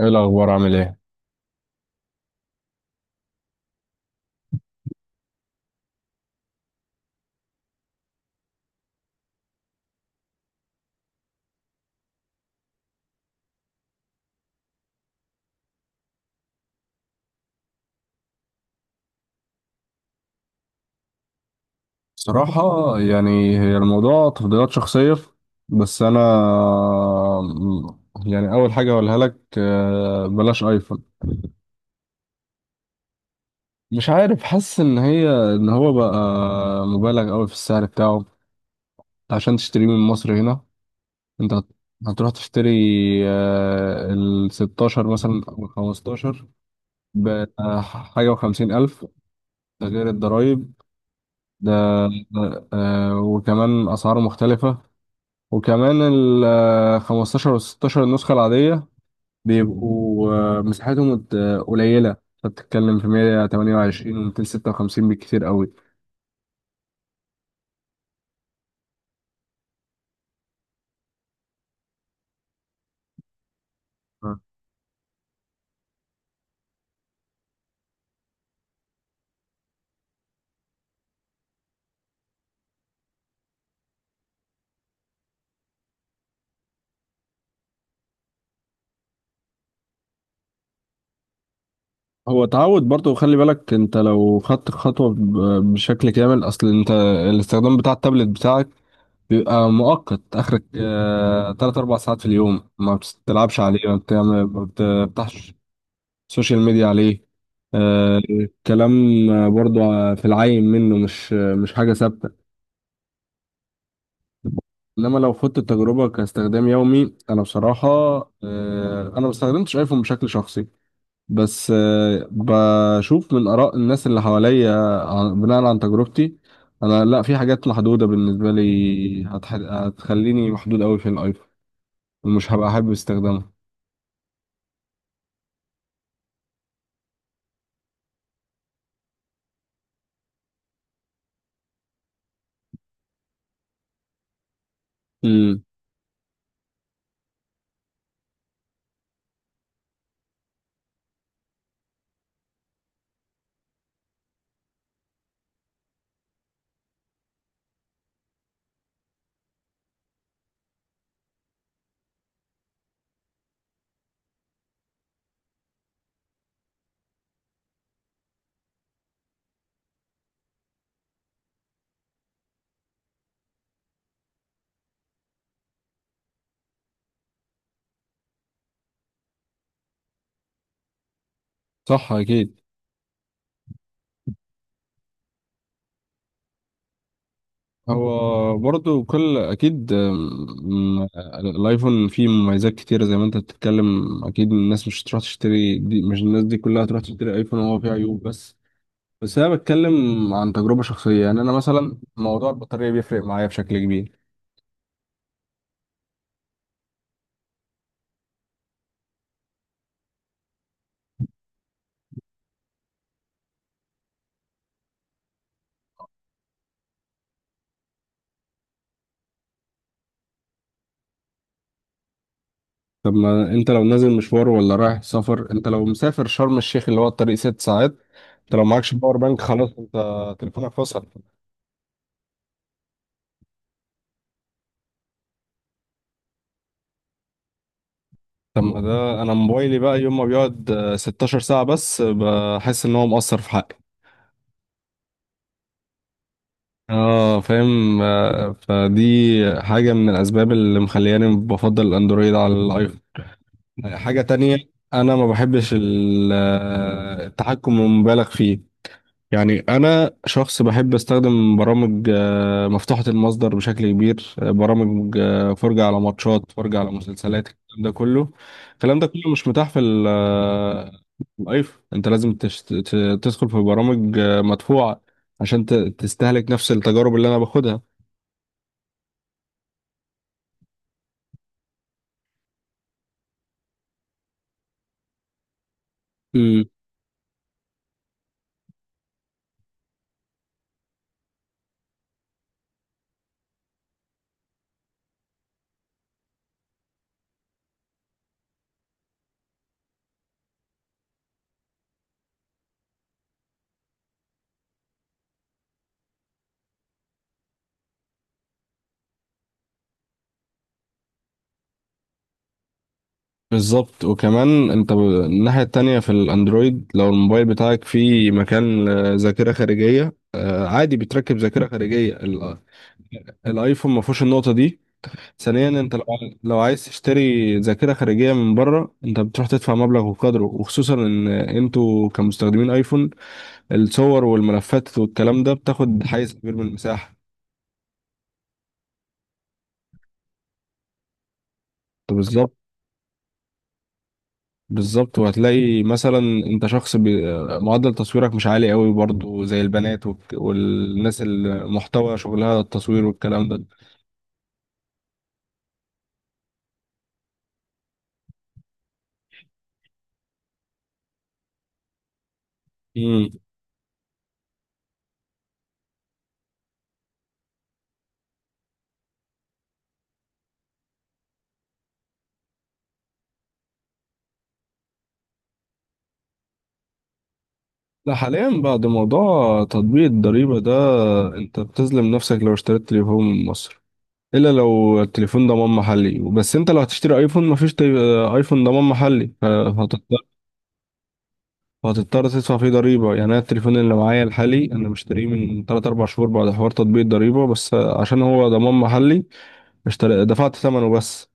ايه الاخبار؟ عامل ايه؟ صراحة، يعني هي الموضوع تفضيلات شخصية. بس انا يعني اول حاجة اقولها لك بلاش ايفون. مش عارف، حاسس ان هي ان هو بقى مبالغ قوي في السعر بتاعه عشان تشتريه من مصر هنا. انت هت- هتروح تشتري ال 16 مثلا او ال 15 بحاجة وخمسين الف. ده غير الضرايب ده وكمان اسعاره مختلفة. وكمان ال 15 وال 16 النسخة العادية بيبقوا قليلة، فبتتكلم في 128 و 256 بالكتير قوي. آه. هو تعود برضه، خلي بالك انت لو خدت خطوة بشكل كامل. اصل انت الاستخدام بتاع التابلت بتاعك بيبقى مؤقت، اخرك تلات اربع ساعات في اليوم، ما بتلعبش عليه، ما بتفتحش سوشيال ميديا عليه الكلام. برضه في العين منه، مش حاجة ثابتة. انما لو خدت التجربه كاستخدام يومي، انا بصراحه انا ما استخدمتش ايفون بشكل شخصي، بس بشوف من اراء الناس اللي حواليا. بناء عن تجربتي، انا لا، في حاجات محدوده بالنسبه لي هتخليني محدود قوي في الايفون ومش هبقى احب استخدامه. امم. صح اكيد. هو برضو كل اكيد. الايفون فيه مميزات كتيره زي ما انت بتتكلم، اكيد الناس مش هتروح تشتري دي. مش الناس دي كلها هتروح تشتري ايفون وهو فيه عيوب، بس انا بتكلم عن تجربه شخصيه. يعني انا مثلا موضوع البطاريه بيفرق معايا بشكل كبير. طب ما انت لو نازل مشوار ولا رايح سفر، انت لو مسافر شرم الشيخ اللي هو الطريق ست ساعات، انت لو معكش باور بانك، خلاص انت تليفونك فصل. طب ما ده انا موبايلي بقى يوم ما بيقعد 16 ساعه بس بحس ان هو مقصر في حقي. اه، فاهم. فدي حاجة من الأسباب اللي مخلياني بفضل الأندرويد على الآيفون. حاجة تانية، أنا ما بحبش التحكم المبالغ فيه. يعني أنا شخص بحب أستخدم برامج مفتوحة المصدر بشكل كبير، برامج فرجة على ماتشات، فرجة على مسلسلات، الكلام ده كله. مش متاح في في الآيفون. أنت لازم تدخل في برامج مدفوعة عشان تستهلك نفس التجارب اللي أنا باخدها. مم. بالظبط. وكمان انت الناحية التانية في الاندرويد، لو الموبايل بتاعك فيه مكان ذاكرة خارجية عادي بتركب ذاكرة خارجية. الايفون ما فيهوش النقطة دي. ثانيا، انت لو لو عايز تشتري ذاكرة خارجية من بره انت بتروح تدفع مبلغ وقدره، وخصوصا ان انتوا كمستخدمين ايفون الصور والملفات والكلام ده بتاخد حيز كبير من المساحة. بالظبط. وهتلاقي مثلا انت شخص معدل تصويرك مش عالي قوي برضو، زي البنات والناس المحتوى شغلها التصوير والكلام ده. امم. لا، حاليا بعد موضوع تطبيق الضريبة ده انت بتظلم نفسك لو اشتريت تليفون من مصر، الا لو التليفون ضمان محلي. بس انت لو هتشتري ايفون مفيش ايفون ضمان محلي فهتضطر تدفع فيه ضريبة. يعني أنا التليفون اللي معايا الحالي أنا مشتريه من 3 4 شهور بعد حوار تطبيق الضريبة، بس عشان هو ضمان محلي اشتري دفعت ثمنه بس.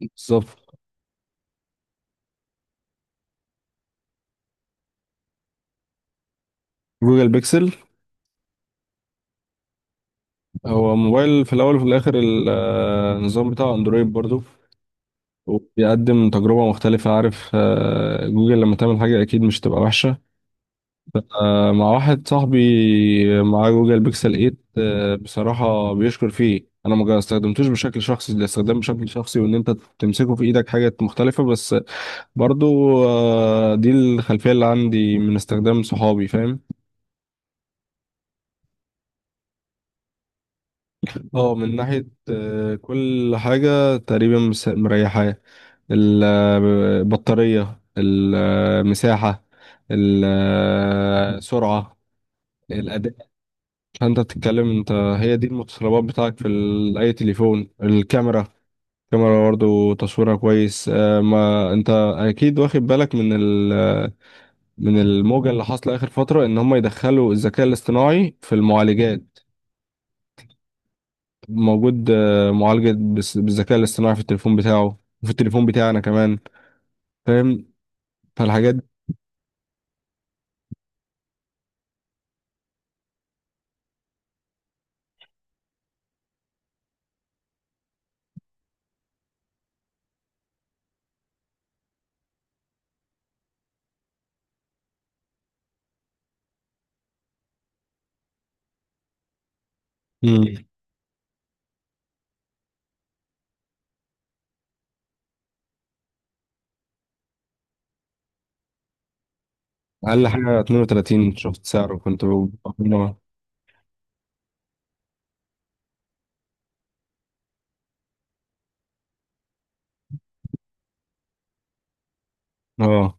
بالظبط. جوجل بيكسل هو موبايل في الاول وفي الاخر، النظام بتاعه اندرويد برضو وبيقدم تجربة مختلفة. عارف جوجل لما تعمل حاجة أكيد مش تبقى وحشة. مع واحد صاحبي معاه جوجل بيكسل 8 بصراحة بيشكر فيه. أنا ما استخدمتوش بشكل شخصي، ده استخدام بشكل شخصي. وإن أنت تمسكه في إيدك حاجة مختلفة، بس برضو دي الخلفية اللي عندي من استخدام صحابي، فاهم. اه، من ناحية كل حاجة تقريبا مريحاه: البطارية، المساحة، السرعة، الأداء. فأنت بتتكلم، انت هي دي المتطلبات بتاعك في أي تليفون. الكاميرا، الكاميرا برضه تصويرها كويس. ما انت أكيد واخد بالك من من الموجة اللي حاصلة آخر فترة إن هم يدخلوا الذكاء الاصطناعي في المعالجات. موجود معالجة بالذكاء الاصطناعي في التليفون بتاعه وفي التليفون بتاعي أنا كمان، فاهم. فالحاجات دي. مم. أقل حاجة 32، شفت سعره كنت اه.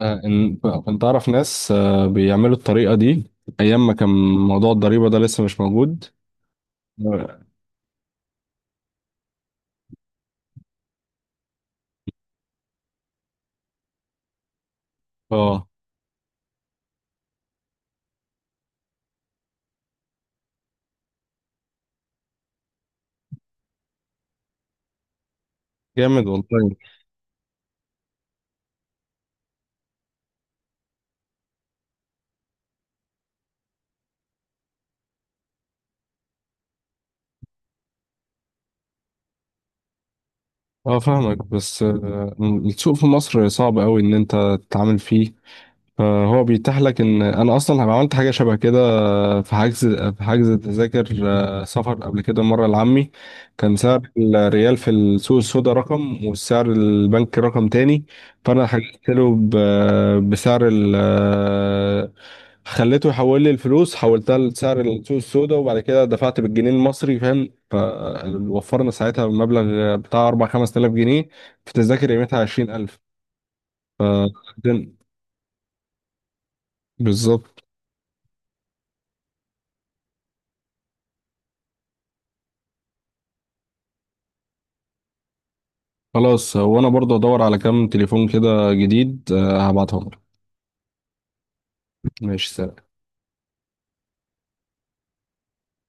آه، إن- كنت أعرف ناس بيعملوا الطريقة دي أيام ما كان موضوع الضريبة ده لسه مش موجود. اه. آه، جامد والله. اه، فاهمك. بس السوق في مصر صعب أوي إن أنت تتعامل فيه، فهو بيتاح لك. ان انا اصلا عملت حاجه شبه كده في حجز، تذاكر سفر قبل كده مره لعمي، كان سعر الريال في السوق السوداء رقم والسعر البنك رقم تاني. فانا حجزت له بسعر ال آه، خليته يحول لي الفلوس، حولتها لسعر السوق السوداء وبعد كده دفعت بالجنيه المصري، فاهم. فوفرنا ساعتها مبلغ بتاع 4 5000 جنيه في تذاكر قيمتها 20000. بالظبط. خلاص، وانا برضه ادور على كام تليفون كده جديد هبعتهم لك. ماشي، سلام.